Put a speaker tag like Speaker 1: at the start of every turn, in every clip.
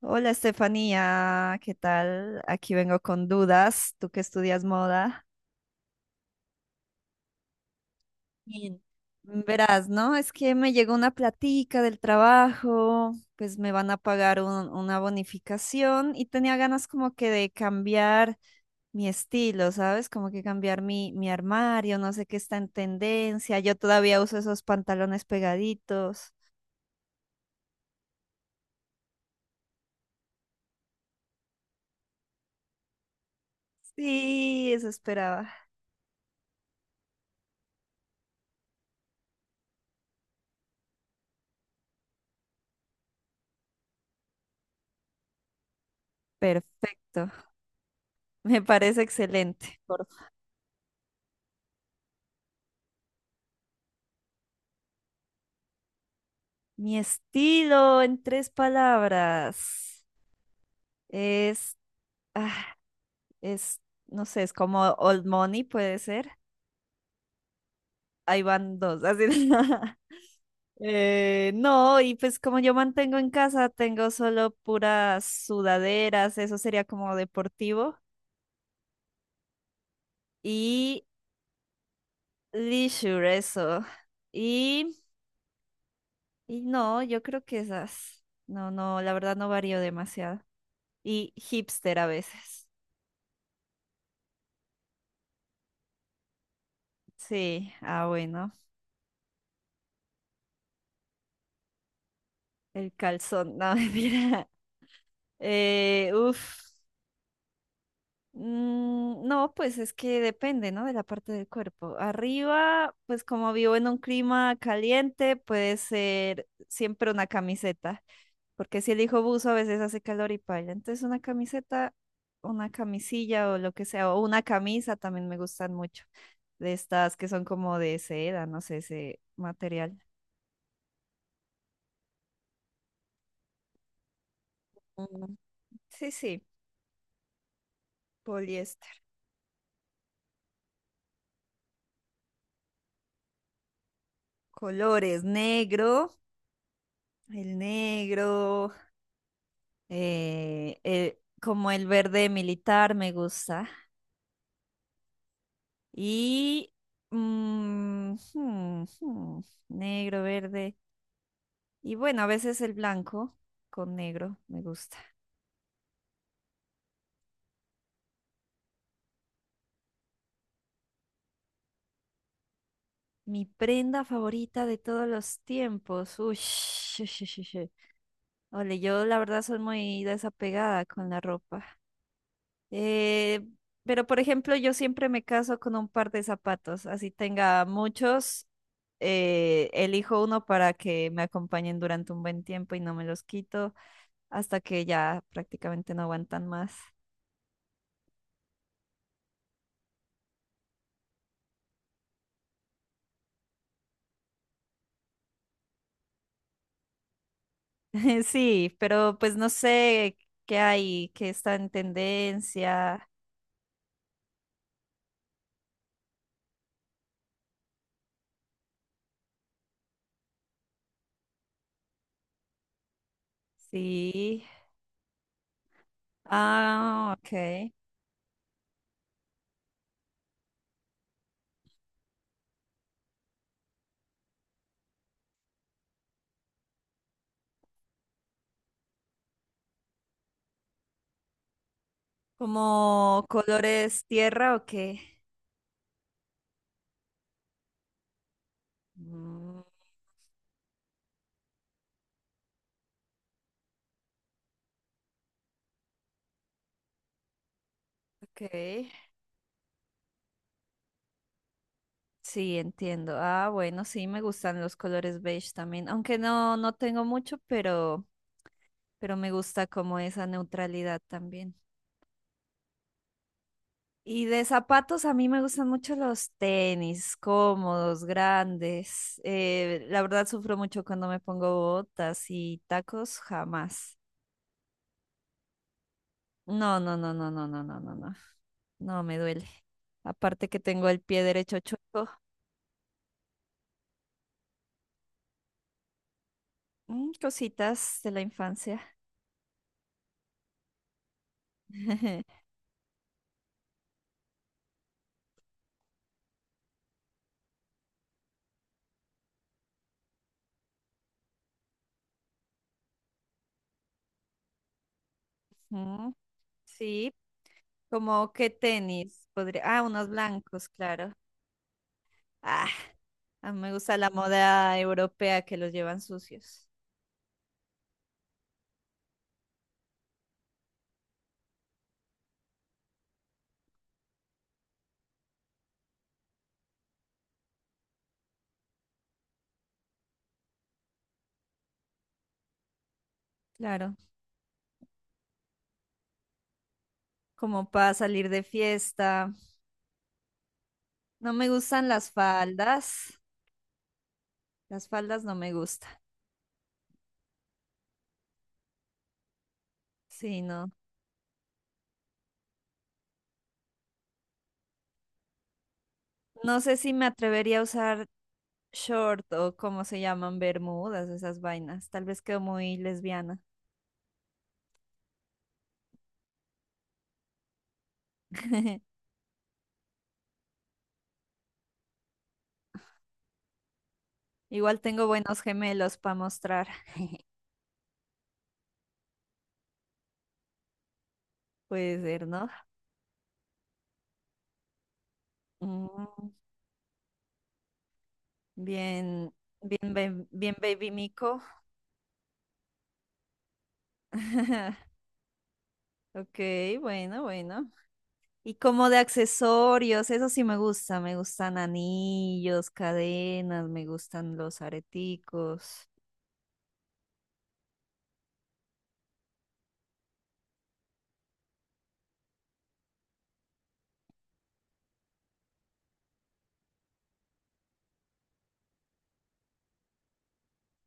Speaker 1: Hola Estefanía, ¿qué tal? Aquí vengo con dudas, tú que estudias moda. Bien. Verás, ¿no? Es que me llegó una platica del trabajo, pues me van a pagar una bonificación y tenía ganas como que de cambiar mi estilo, ¿sabes? Como que cambiar mi armario, no sé qué está en tendencia. Yo todavía uso esos pantalones pegaditos. Sí, eso esperaba. Perfecto, me parece excelente. Mi estilo en tres palabras es, ah, es, no sé, es como old money, puede ser. Ahí van dos, así. No, y pues como yo mantengo en casa, tengo solo puras sudaderas, eso sería como deportivo. Y leisure, eso. Y, y no, yo creo que esas. No, no, la verdad no varío demasiado. Y hipster a veces. Sí, ah, bueno. El calzón, no, mira. Eh, uf, no, pues es que depende, ¿no? De la parte del cuerpo. Arriba, pues como vivo en un clima caliente, puede ser siempre una camiseta, porque si elijo buzo a veces hace calor y paila. Entonces una camiseta, una camisilla o lo que sea, o una camisa también me gustan mucho, de estas que son como de seda, no sé, ese material. Mm, sí, sí, poliéster. Colores, negro. El negro, como el verde militar me gusta. Y mm, hmm, hmm, negro, verde. Y bueno, a veces el blanco con negro me gusta. Mi prenda favorita de todos los tiempos. Uy, ole, yo la verdad soy muy desapegada con la ropa. Eh, pero, por ejemplo, yo siempre me caso con un par de zapatos, así tenga muchos, elijo uno para que me acompañen durante un buen tiempo y no me los quito hasta que ya prácticamente no aguantan más. Sí, pero pues no sé qué hay, qué está en tendencia. Sí. Ah, ok. ¿Como colores tierra o qué? Mm, ok. Sí, entiendo. Ah, bueno, sí, me gustan los colores beige también, aunque no, no tengo mucho, pero me gusta como esa neutralidad también. Y de zapatos, a mí me gustan mucho los tenis, cómodos, grandes. La verdad, sufro mucho cuando me pongo botas y tacos, jamás. No, no, no, no, no, no, no, no, no. No, me duele. Aparte que tengo el pie derecho chueco. Mm, cositas de la infancia. Mm, sí. Como qué tenis podría. Ah, unos blancos, claro. Ah, a mí me gusta la moda europea que los llevan sucios. Claro, como para salir de fiesta. No me gustan las faldas. Las faldas no me gustan. Sí, no. No sé si me atrevería a usar short o cómo se llaman bermudas, esas vainas. Tal vez quedo muy lesbiana. Igual tengo buenos gemelos para mostrar. Puede ser, ¿no? Mm, bien, bien, bien, baby Mico. Ok, bueno, bueno. Y como de accesorios, eso sí me gusta. Me gustan anillos, cadenas, me gustan los areticos.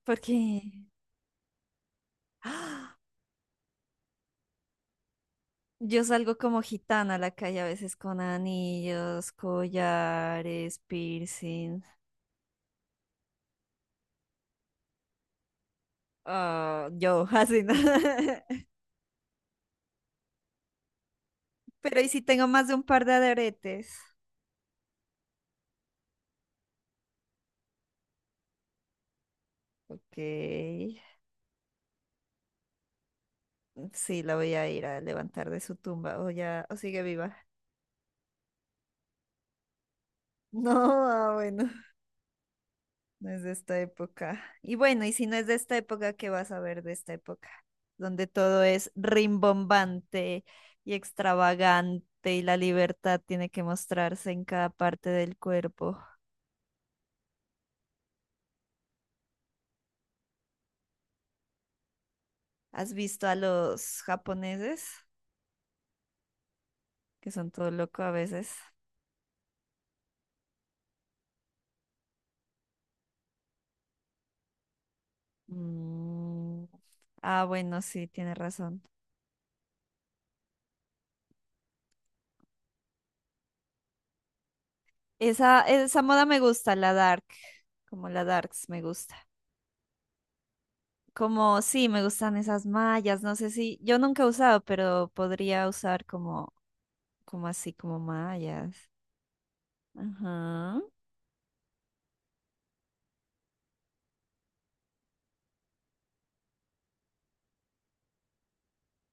Speaker 1: Porque yo salgo como gitana a la calle a veces con anillos, collares, piercing. Ah, yo, así, ¿no? Pero y si tengo más de un par de aretes. Ok. Sí, la voy a ir a levantar de su tumba. O ya, o sigue viva. No, ah, bueno. No es de esta época. Y bueno, y si no es de esta época, ¿qué vas a ver de esta época? Donde todo es rimbombante y extravagante y la libertad tiene que mostrarse en cada parte del cuerpo. ¿Has visto a los japoneses? Que son todo loco a veces. Mm, ah, bueno, sí, tienes razón. Esa moda me gusta, la dark, como la darks me gusta. Como sí, me gustan esas mallas, no sé si, yo nunca he usado, pero podría usar como, como así, como mallas. Ajá.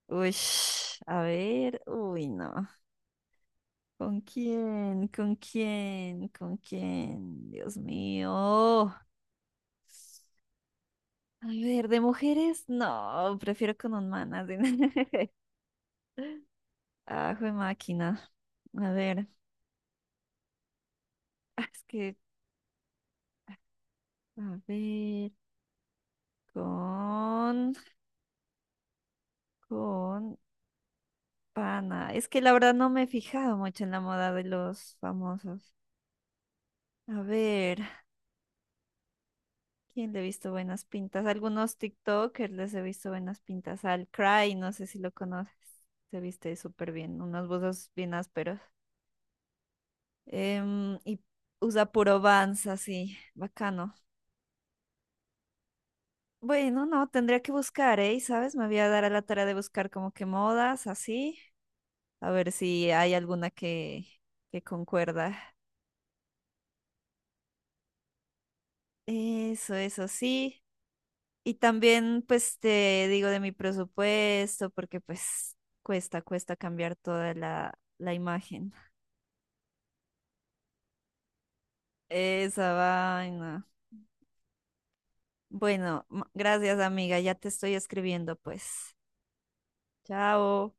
Speaker 1: Uy, a ver, uy, no. ¿Con quién? ¿Con quién? ¿Con quién? Dios mío. A ver, de mujeres, no, prefiero con un man. Así. Ah, jue máquina. A ver, es que, a ver, con, con, pana, es que la verdad no me he fijado mucho en la moda de los famosos. A ver, ¿quién le he visto buenas pintas? Algunos TikTokers les he visto buenas pintas. Al Cry, no sé si lo conoces. Se viste súper bien, unos buzos bien ásperos. Y usa puro Vans, así, bacano. Bueno, no, tendría que buscar, ¿eh? ¿Sabes? Me voy a dar a la tarea de buscar como que modas, así. A ver si hay alguna que concuerda. Eso sí. Y también, pues, te digo de mi presupuesto, porque pues cuesta cambiar toda la imagen. Esa vaina. Bueno, gracias amiga, ya te estoy escribiendo, pues. Chao.